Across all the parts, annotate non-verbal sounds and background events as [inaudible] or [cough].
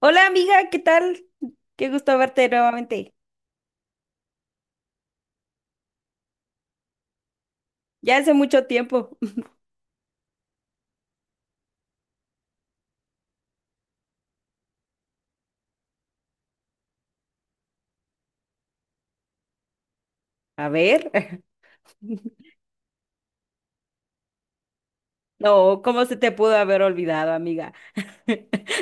Hola, amiga, ¿qué tal? Qué gusto verte nuevamente. Ya hace mucho tiempo. [laughs] A ver. [laughs] No, ¿cómo se te pudo haber olvidado, amiga? [laughs]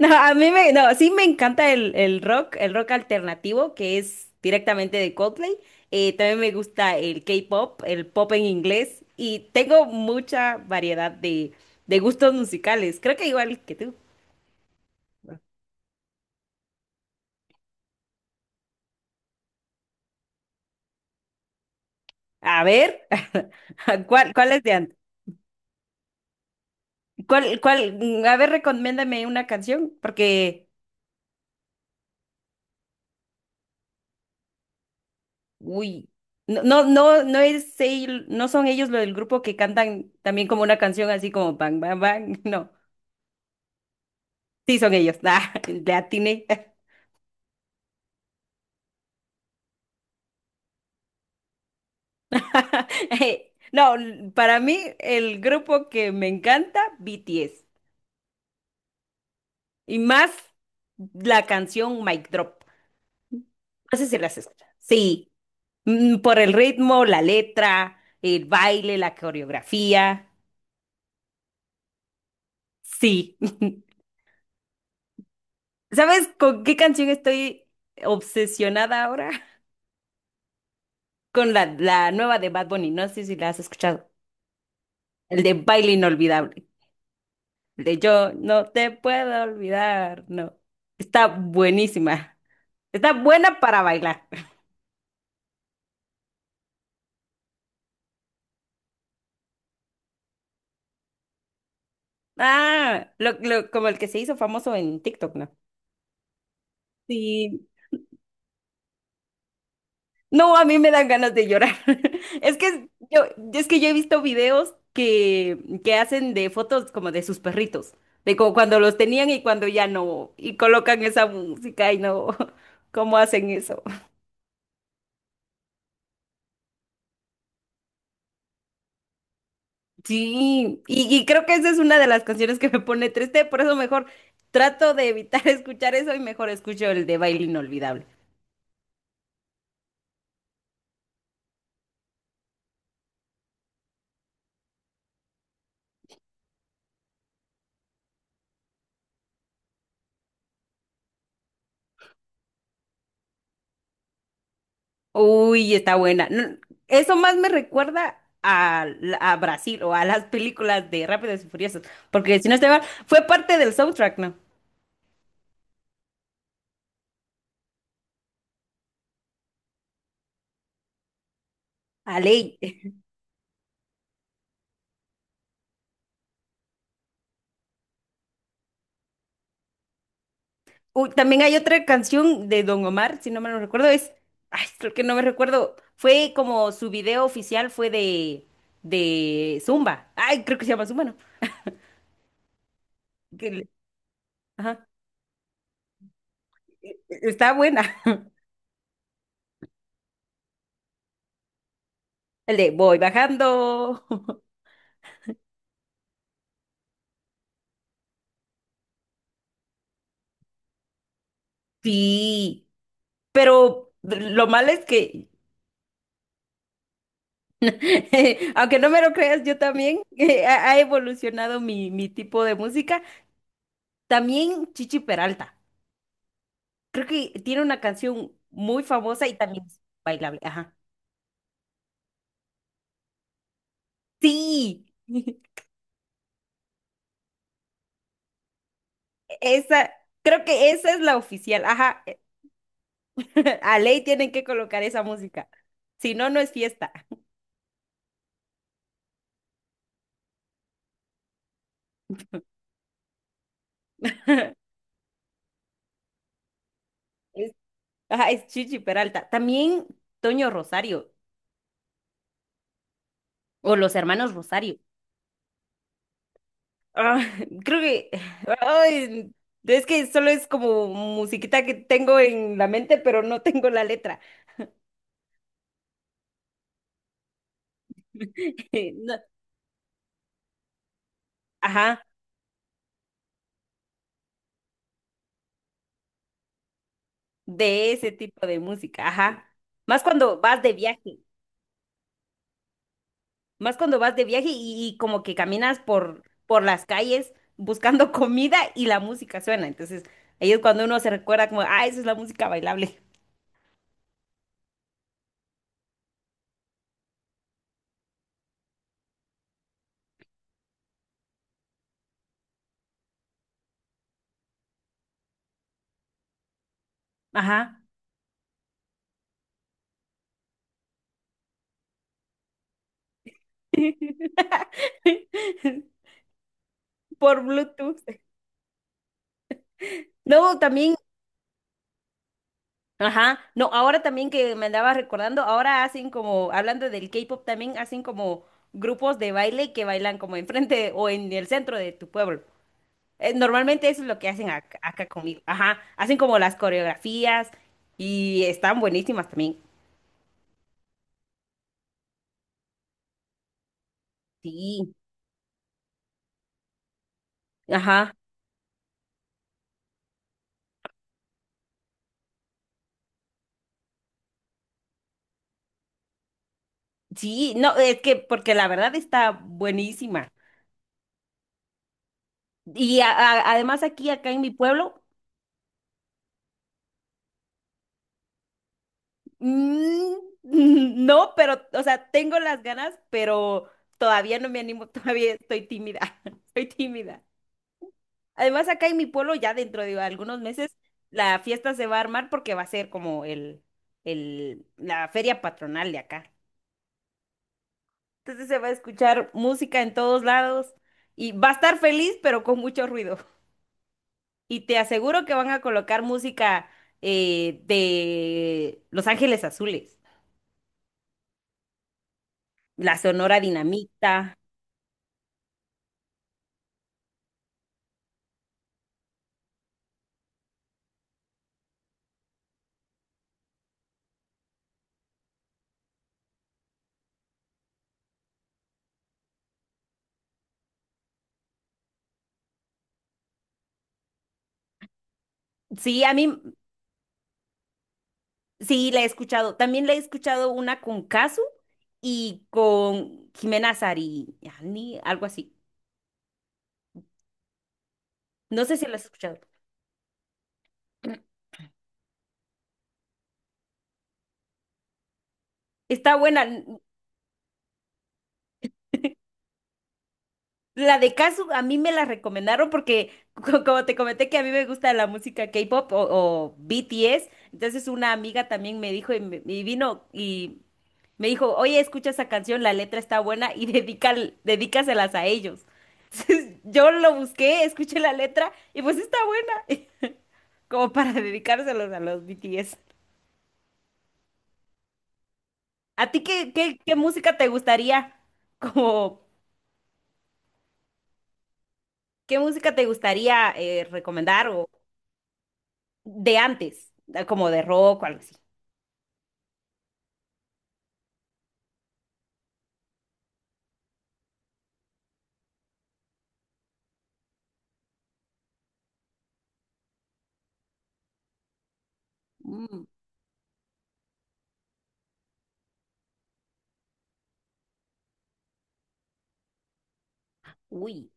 No, a mí me, no, sí me encanta el rock, el rock alternativo, que es directamente de Coldplay. También me gusta el K-pop, el pop en inglés, y tengo mucha variedad de gustos musicales. Creo que igual que tú. A ver, [laughs] ¿cuál es de antes? ¿Cuál? A ver, recomiéndame una canción, porque uy, no es no son ellos lo del grupo que cantan también como una canción así como bang, bang, bang. [laughs] No, sí son ellos. [laughs] Ah, le atiné. [laughs] No, para mí el grupo que me encanta, BTS. Y más la canción Mic Drop. No sé si las escuchas. Sí. Mm, por el ritmo, la letra, el baile, la coreografía. Sí. [laughs] ¿Sabes con qué canción estoy obsesionada ahora? Con la nueva de Bad Bunny, no sé si la has escuchado, el de Baile Inolvidable, el de Yo no te puedo olvidar, no, está buenísima, está buena para bailar. Ah, como el que se hizo famoso en TikTok, ¿no? Sí. No, a mí me dan ganas de llorar. [laughs] Es que yo, es que yo he visto videos que hacen de fotos como de sus perritos, de como cuando los tenían y cuando ya no, y colocan esa música y no, [laughs] ¿cómo hacen eso? Sí, y creo que esa es una de las canciones que me pone triste, por eso mejor trato de evitar [laughs] escuchar eso y mejor escucho el de Baile Inolvidable. Uy, está buena. No, eso más me recuerda a, a Brasil o a las películas de Rápidos y Furiosos, porque si no estoy mal, fue parte del soundtrack, ¿no? A ley. [laughs] Uy, también hay otra canción de Don Omar, si no me lo recuerdo, es, ay, creo que no me recuerdo, fue como su video oficial fue de Zumba. Ay, creo que se llama Zumba, ¿no? Que le- Ajá. Está buena. [laughs] El de voy bajando. [laughs] Sí, pero lo malo es que, [laughs] aunque no me lo creas, yo también [laughs] ha ha evolucionado mi tipo de música. También Chichi Peralta. Creo que tiene una canción muy famosa y también es bailable. Ajá. Sí, [laughs] esa, creo que esa es la oficial. Ajá. [laughs] A ley tienen que colocar esa música. Si no, no es fiesta. [laughs] Ajá, es Chichi Peralta. También Toño Rosario o los hermanos Rosario. Ah, creo que ay, es que solo es como musiquita que tengo en la mente, pero no tengo la letra. [laughs] No, ajá, de ese tipo de música, ajá. Más cuando vas de viaje, más cuando vas de viaje y como que caminas por las calles buscando [laughs] comida y la música suena. Entonces, ahí es cuando uno se recuerda como, ah, esa es la música bailable. Ajá. [laughs] Por Bluetooth. No, también, ajá, no, ahora también que me andaba recordando, ahora hacen como, hablando del K-pop, también hacen como grupos de baile que bailan como enfrente o en el centro de tu pueblo. Normalmente eso es lo que hacen acá, conmigo, ajá, hacen como las coreografías y están buenísimas también. Sí, ajá, sí, no, es que porque la verdad está buenísima. Y además aquí, acá en mi pueblo, mm, [laughs] no, pero, o sea, tengo las ganas, pero todavía no me animo, [laughs] todavía estoy tímida, [laughs] estoy tímida. Además, acá en mi pueblo, ya dentro de algunos meses, la fiesta se va a armar porque va a ser como la feria patronal de acá. Entonces se va a escuchar música en todos lados y va a estar feliz, pero con mucho ruido. [laughs] Y te aseguro que van a colocar música de Los Ángeles Azules, la Sonora Dinamita. Sí, a mí, sí, la he escuchado. También la he escuchado una con Casu y con Jimena Sariñani, algo así. No sé si la has escuchado. Está buena. N- La de Casu a mí me la recomendaron porque, como te comenté, que a mí me gusta la música K-pop o BTS. Entonces una amiga también me dijo y, y vino y me dijo, oye, escucha esa canción, la letra está buena y [laughs] dedícaselas a ellos. [laughs] Entonces, yo lo busqué, escuché la letra y pues está buena. [laughs] Como para [laughs] dedicárselos a los BTS. ¿A ti qué música te gustaría, como, qué música te gustaría recomendar o de antes, como de rock o algo así? Mm, uy,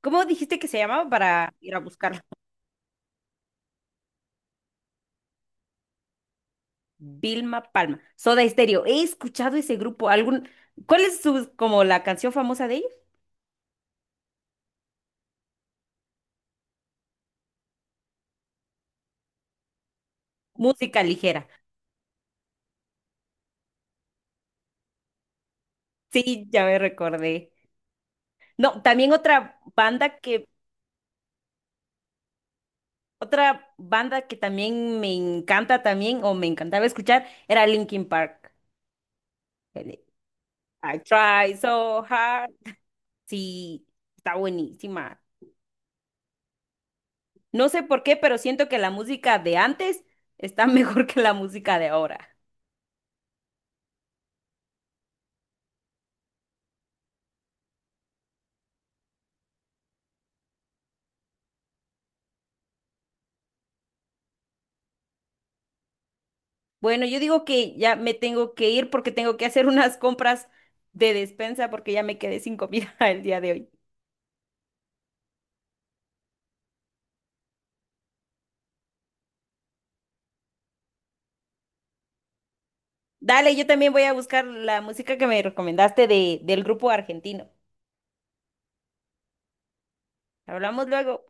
¿cómo dijiste que se llamaba para ir a buscarlo? Vilma Palma, Soda Stereo. He escuchado ese grupo. ¿Algún, cuál es su, como la canción famosa de ellos? Música ligera. Sí, ya me recordé. No, también otra banda que otra banda que también me encanta también, o me encantaba escuchar, era Linkin Park. El de, I try so hard. Sí, está buenísima. No sé por qué, pero siento que la música de antes está mejor [laughs] que la música de ahora. Bueno, yo digo que ya me tengo que ir porque tengo que hacer unas compras de despensa porque ya me quedé sin comida [laughs] el día de hoy. Dale, yo también voy a buscar la música que me recomendaste del grupo argentino. Hablamos luego.